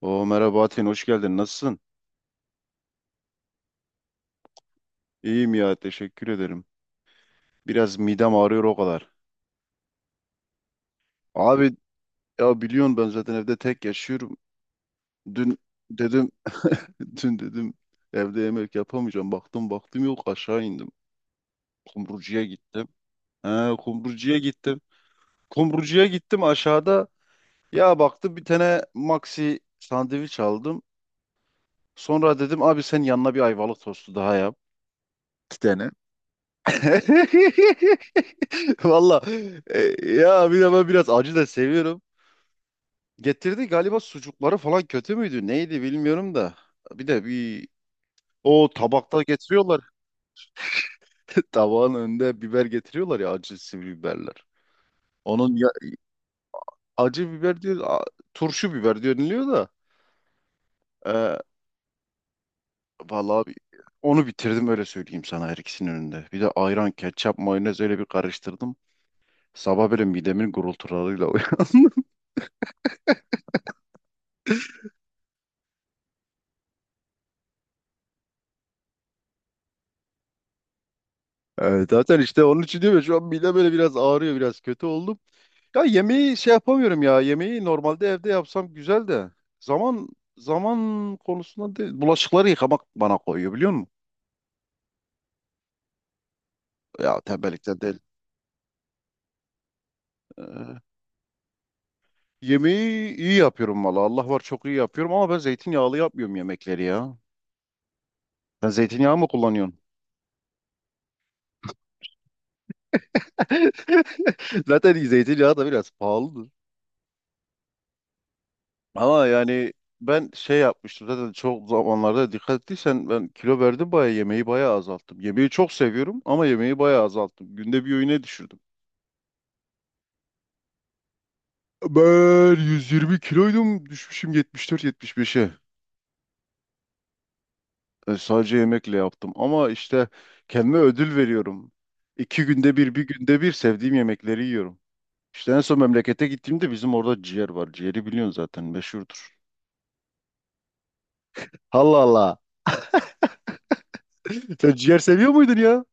Oo merhaba Atin, hoş geldin. Nasılsın? İyiyim ya, teşekkür ederim. Biraz midem ağrıyor o kadar. Abi ya biliyorsun, ben zaten evde tek yaşıyorum. Dün dedim dün dedim evde yemek yapamayacağım. Baktım yok, aşağı indim. Kumrucuya gittim. He, kumrucuya gittim. Kumrucuya gittim aşağıda. Ya baktım, bir tane maxi sandviç aldım. Sonra dedim abi sen yanına bir ayvalık tostu daha yap. İki tane. Valla e, ya bir de ben biraz acı da seviyorum. Getirdi, galiba sucukları falan kötü müydü? Neydi bilmiyorum da. Bir de bir o tabakta getiriyorlar. Tabağın önünde biber getiriyorlar ya, acı sivri biberler. Onun ya, acı biber diyor, turşu biber diyor, deniliyor da. E, valla bir- onu bitirdim, öyle söyleyeyim sana, her ikisinin önünde. Bir de ayran, ketçap, mayonez öyle bir karıştırdım. Sabah böyle midemin gurultularıyla uyandım. Evet, zaten işte onun için diyorum ya, şu an midem böyle biraz ağrıyor, biraz kötü oldum. Ya yemeği şey yapamıyorum, ya yemeği normalde evde yapsam güzel de zaman zaman konusunda değil. Bulaşıkları yıkamak bana koyuyor, biliyor musun? Ya tembellikten değil. Ee, yemeği iyi yapıyorum, valla Allah var, çok iyi yapıyorum ama ben zeytinyağlı yapmıyorum yemekleri ya. Sen zeytinyağı mı kullanıyorsun? Zaten zeytinyağı da biraz pahalı. Ama yani ben şey yapmıştım, zaten çok zamanlarda dikkat ettiysen, ben kilo verdim bayağı, yemeği bayağı azalttım. Yemeği çok seviyorum ama yemeği bayağı azalttım. Günde bir öğüne düşürdüm. Ben 120 kiloydum, düşmüşüm 74-75'e. E, sadece yemekle yaptım ama işte kendime ödül veriyorum. İki günde bir, bir günde bir sevdiğim yemekleri yiyorum. İşte en son memlekete gittiğimde bizim orada ciğer var. Ciğeri biliyorsun zaten, meşhurdur. Allah Allah. Sen ciğer seviyor muydun ya?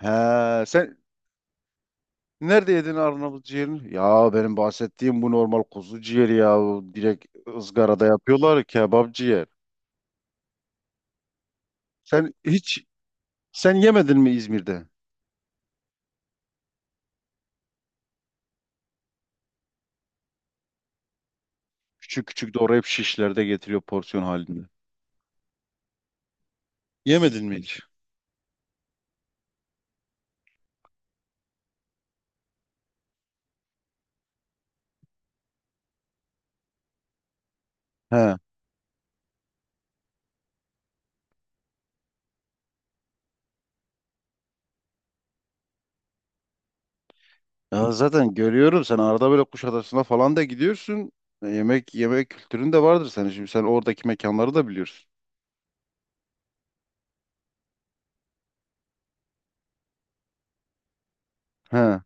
He, sen nerede yedin Arnavut ciğerini? Ya benim bahsettiğim bu normal kuzu ciğeri ya. Bu direkt ızgarada yapıyorlar, kebap ciğer. Sen hiç yemedin mi İzmir'de? Küçük küçük doğrayıp şişlerde getiriyor, porsiyon halinde. Yemedin mi hiç? He. Ya zaten görüyorum, sen arada böyle Kuşadası'na falan da gidiyorsun. E, yemek yemek kültürün de vardır senin. Şimdi sen oradaki mekanları da biliyorsun. He.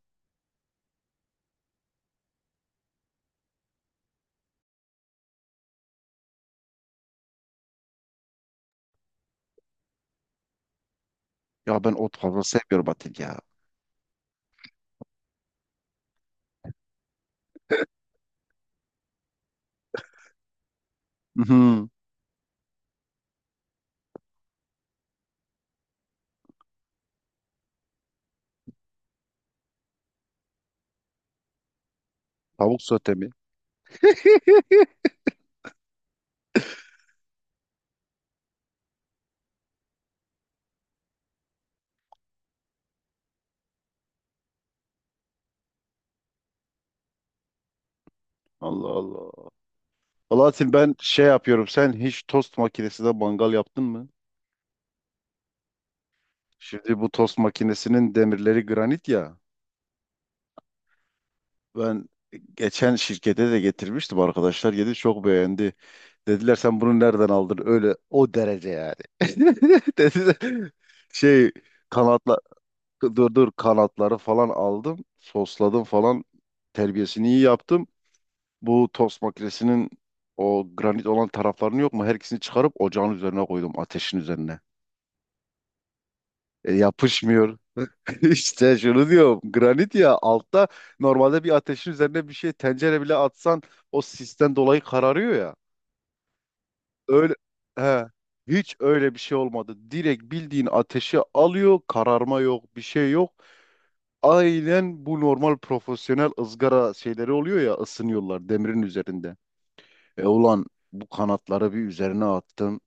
Ya ben ot fazla sevmiyorum Atil ya. Hı hı. Tavuk sote mi? Allah Allah. Alaaddin, ben şey yapıyorum. Sen hiç tost makinesinde mangal yaptın mı? Şimdi bu tost makinesinin demirleri granit ya. Ben geçen şirkete de getirmiştim arkadaşlar. Yedi, çok beğendi. Dediler sen bunu nereden aldın? Öyle o derece yani. Dediler şey kanatla dur dur, kanatları falan aldım. Sosladım falan. Terbiyesini iyi yaptım. Bu tost makinesinin o granit olan taraflarını yok mu? Her ikisini çıkarıp ocağın üzerine koydum, ateşin üzerine. E, yapışmıyor. İşte şunu diyorum. Granit ya altta, normalde bir ateşin üzerine bir şey, tencere bile atsan o sisten dolayı kararıyor ya. Öyle, he, hiç öyle bir şey olmadı. Direkt bildiğin ateşi alıyor. Kararma yok, bir şey yok. Aynen, bu normal profesyonel ızgara şeyleri oluyor ya, ısınıyorlar demirin üzerinde. E ulan, bu kanatları bir üzerine attım.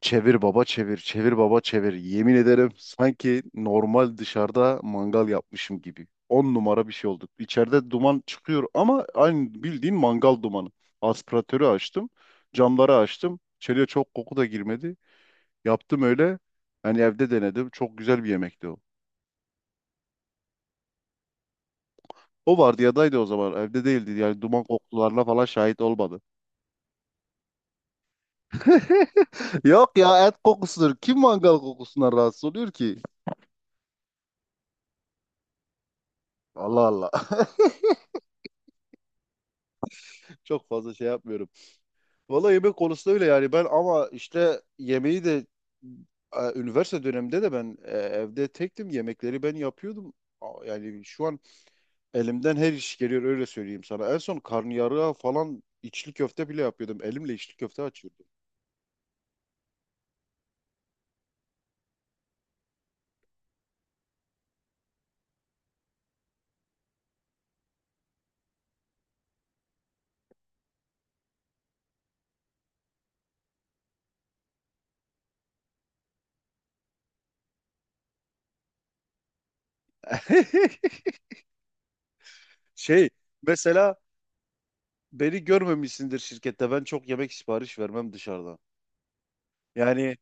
Çevir baba çevir, çevir baba çevir. Yemin ederim sanki normal dışarıda mangal yapmışım gibi. On numara bir şey oldu. İçeride duman çıkıyor ama aynı bildiğin mangal dumanı. Aspiratörü açtım, camları açtım. İçeriye çok koku da girmedi. Yaptım öyle. Yani evde denedim. Çok güzel bir yemekti o. O vardiyadaydı o zaman. Evde değildi. Yani duman kokularına falan şahit olmadı. Yok ya, et kokusudur. Kim mangal kokusundan rahatsız oluyor ki? Allah Allah. Çok fazla şey yapmıyorum. Valla yemek konusunda öyle yani ben, ama işte yemeği de üniversite döneminde de ben evde tektim, yemekleri ben yapıyordum. Yani şu an elimden her iş geliyor, öyle söyleyeyim sana. En son karnıyarığa falan, içli köfte bile yapıyordum. Elimle içli köfte açıyordum. Şey mesela beni görmemişsindir şirkette, ben çok yemek sipariş vermem dışarıdan. Yani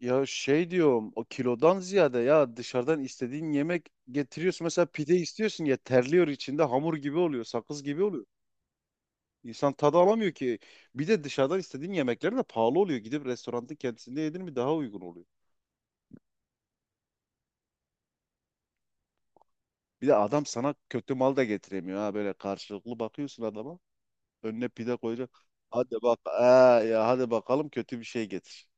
ya şey diyorum, o kilodan ziyade ya, dışarıdan istediğin yemek getiriyorsun. Mesela pide istiyorsun ya, terliyor içinde, hamur gibi oluyor, sakız gibi oluyor. İnsan tadı alamıyor ki. Bir de dışarıdan istediğin yemekler de pahalı oluyor. Gidip restoranda kendisinde yedin mi daha uygun oluyor. Bir de adam sana kötü mal da getiremiyor ha, böyle karşılıklı bakıyorsun adama. Önüne pide koyacak. Hadi bak ha, ya hadi bakalım kötü bir şey getir.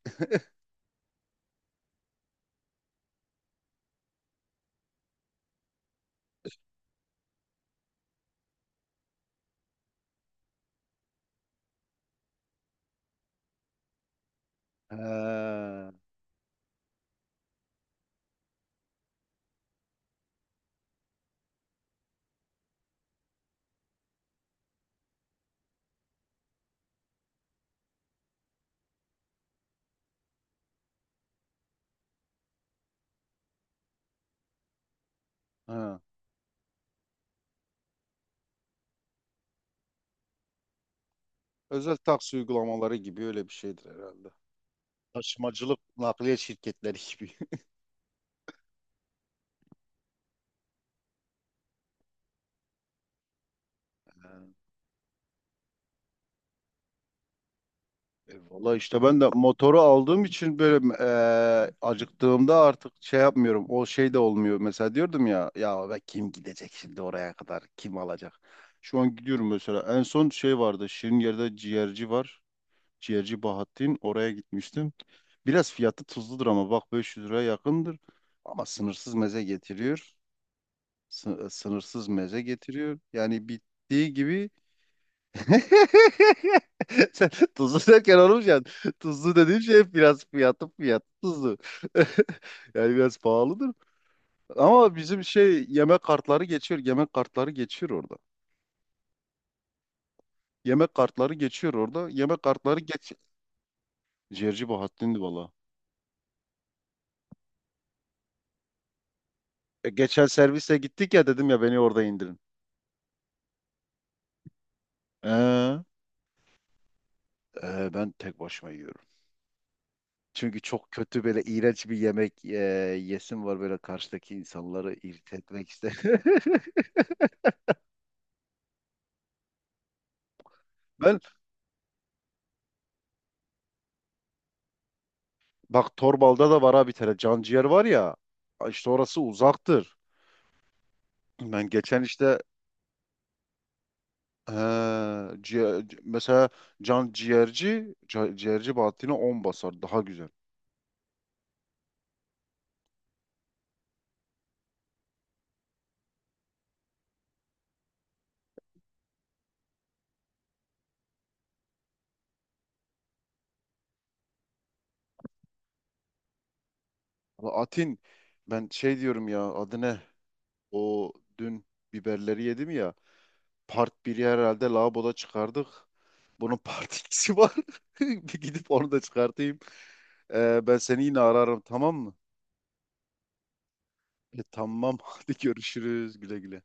He, he. Özel taksi uygulamaları gibi, öyle bir şeydir herhalde. Taşımacılık nakliye şirketleri gibi. E valla işte, ben de motoru aldığım için böyle acıktığımda artık şey yapmıyorum. O şey de olmuyor. Mesela diyordum ya, ya be kim gidecek şimdi oraya kadar? Kim alacak? Şu an gidiyorum mesela. En son şey vardı. Şirin ciğerci var. Ciğerci Bahattin. Oraya gitmiştim. Biraz fiyatı tuzludur ama bak, 500 liraya yakındır. Ama sınırsız meze getiriyor. Sınırsız meze getiriyor. Yani bittiği gibi sen tuzlu derken olmuş yani. Tuzlu dediğim şey, hep biraz fiyatı tuzlu. Yani biraz pahalıdır. Ama bizim şey, yemek kartları geçiyor. Yemek kartları geçiyor orada. Yemek kartları geçiyor orada. Yemek kartları geç. Ciğerci Bahattin'di valla. E, geçen servise gittik ya, dedim ya beni orada indirin. Ee, ben tek başıma yiyorum. Çünkü çok kötü, böyle iğrenç bir yemek yesim var, böyle karşıdaki insanları irite etmek ister. Ben Bak, Torbal'da da var abi, bir tane canciğer var ya. İşte orası uzaktır. Ben geçen işte he, mesela ciğerci Bahattin'e 10 basar daha güzel. Ama Atin, ben şey diyorum ya, adı ne? O dün biberleri yedim ya. Part biri herhalde laboda çıkardık. Bunun part ikisi var. Bir gidip onu da çıkartayım. Ben seni yine ararım, tamam mı? E, tamam, hadi görüşürüz, güle güle.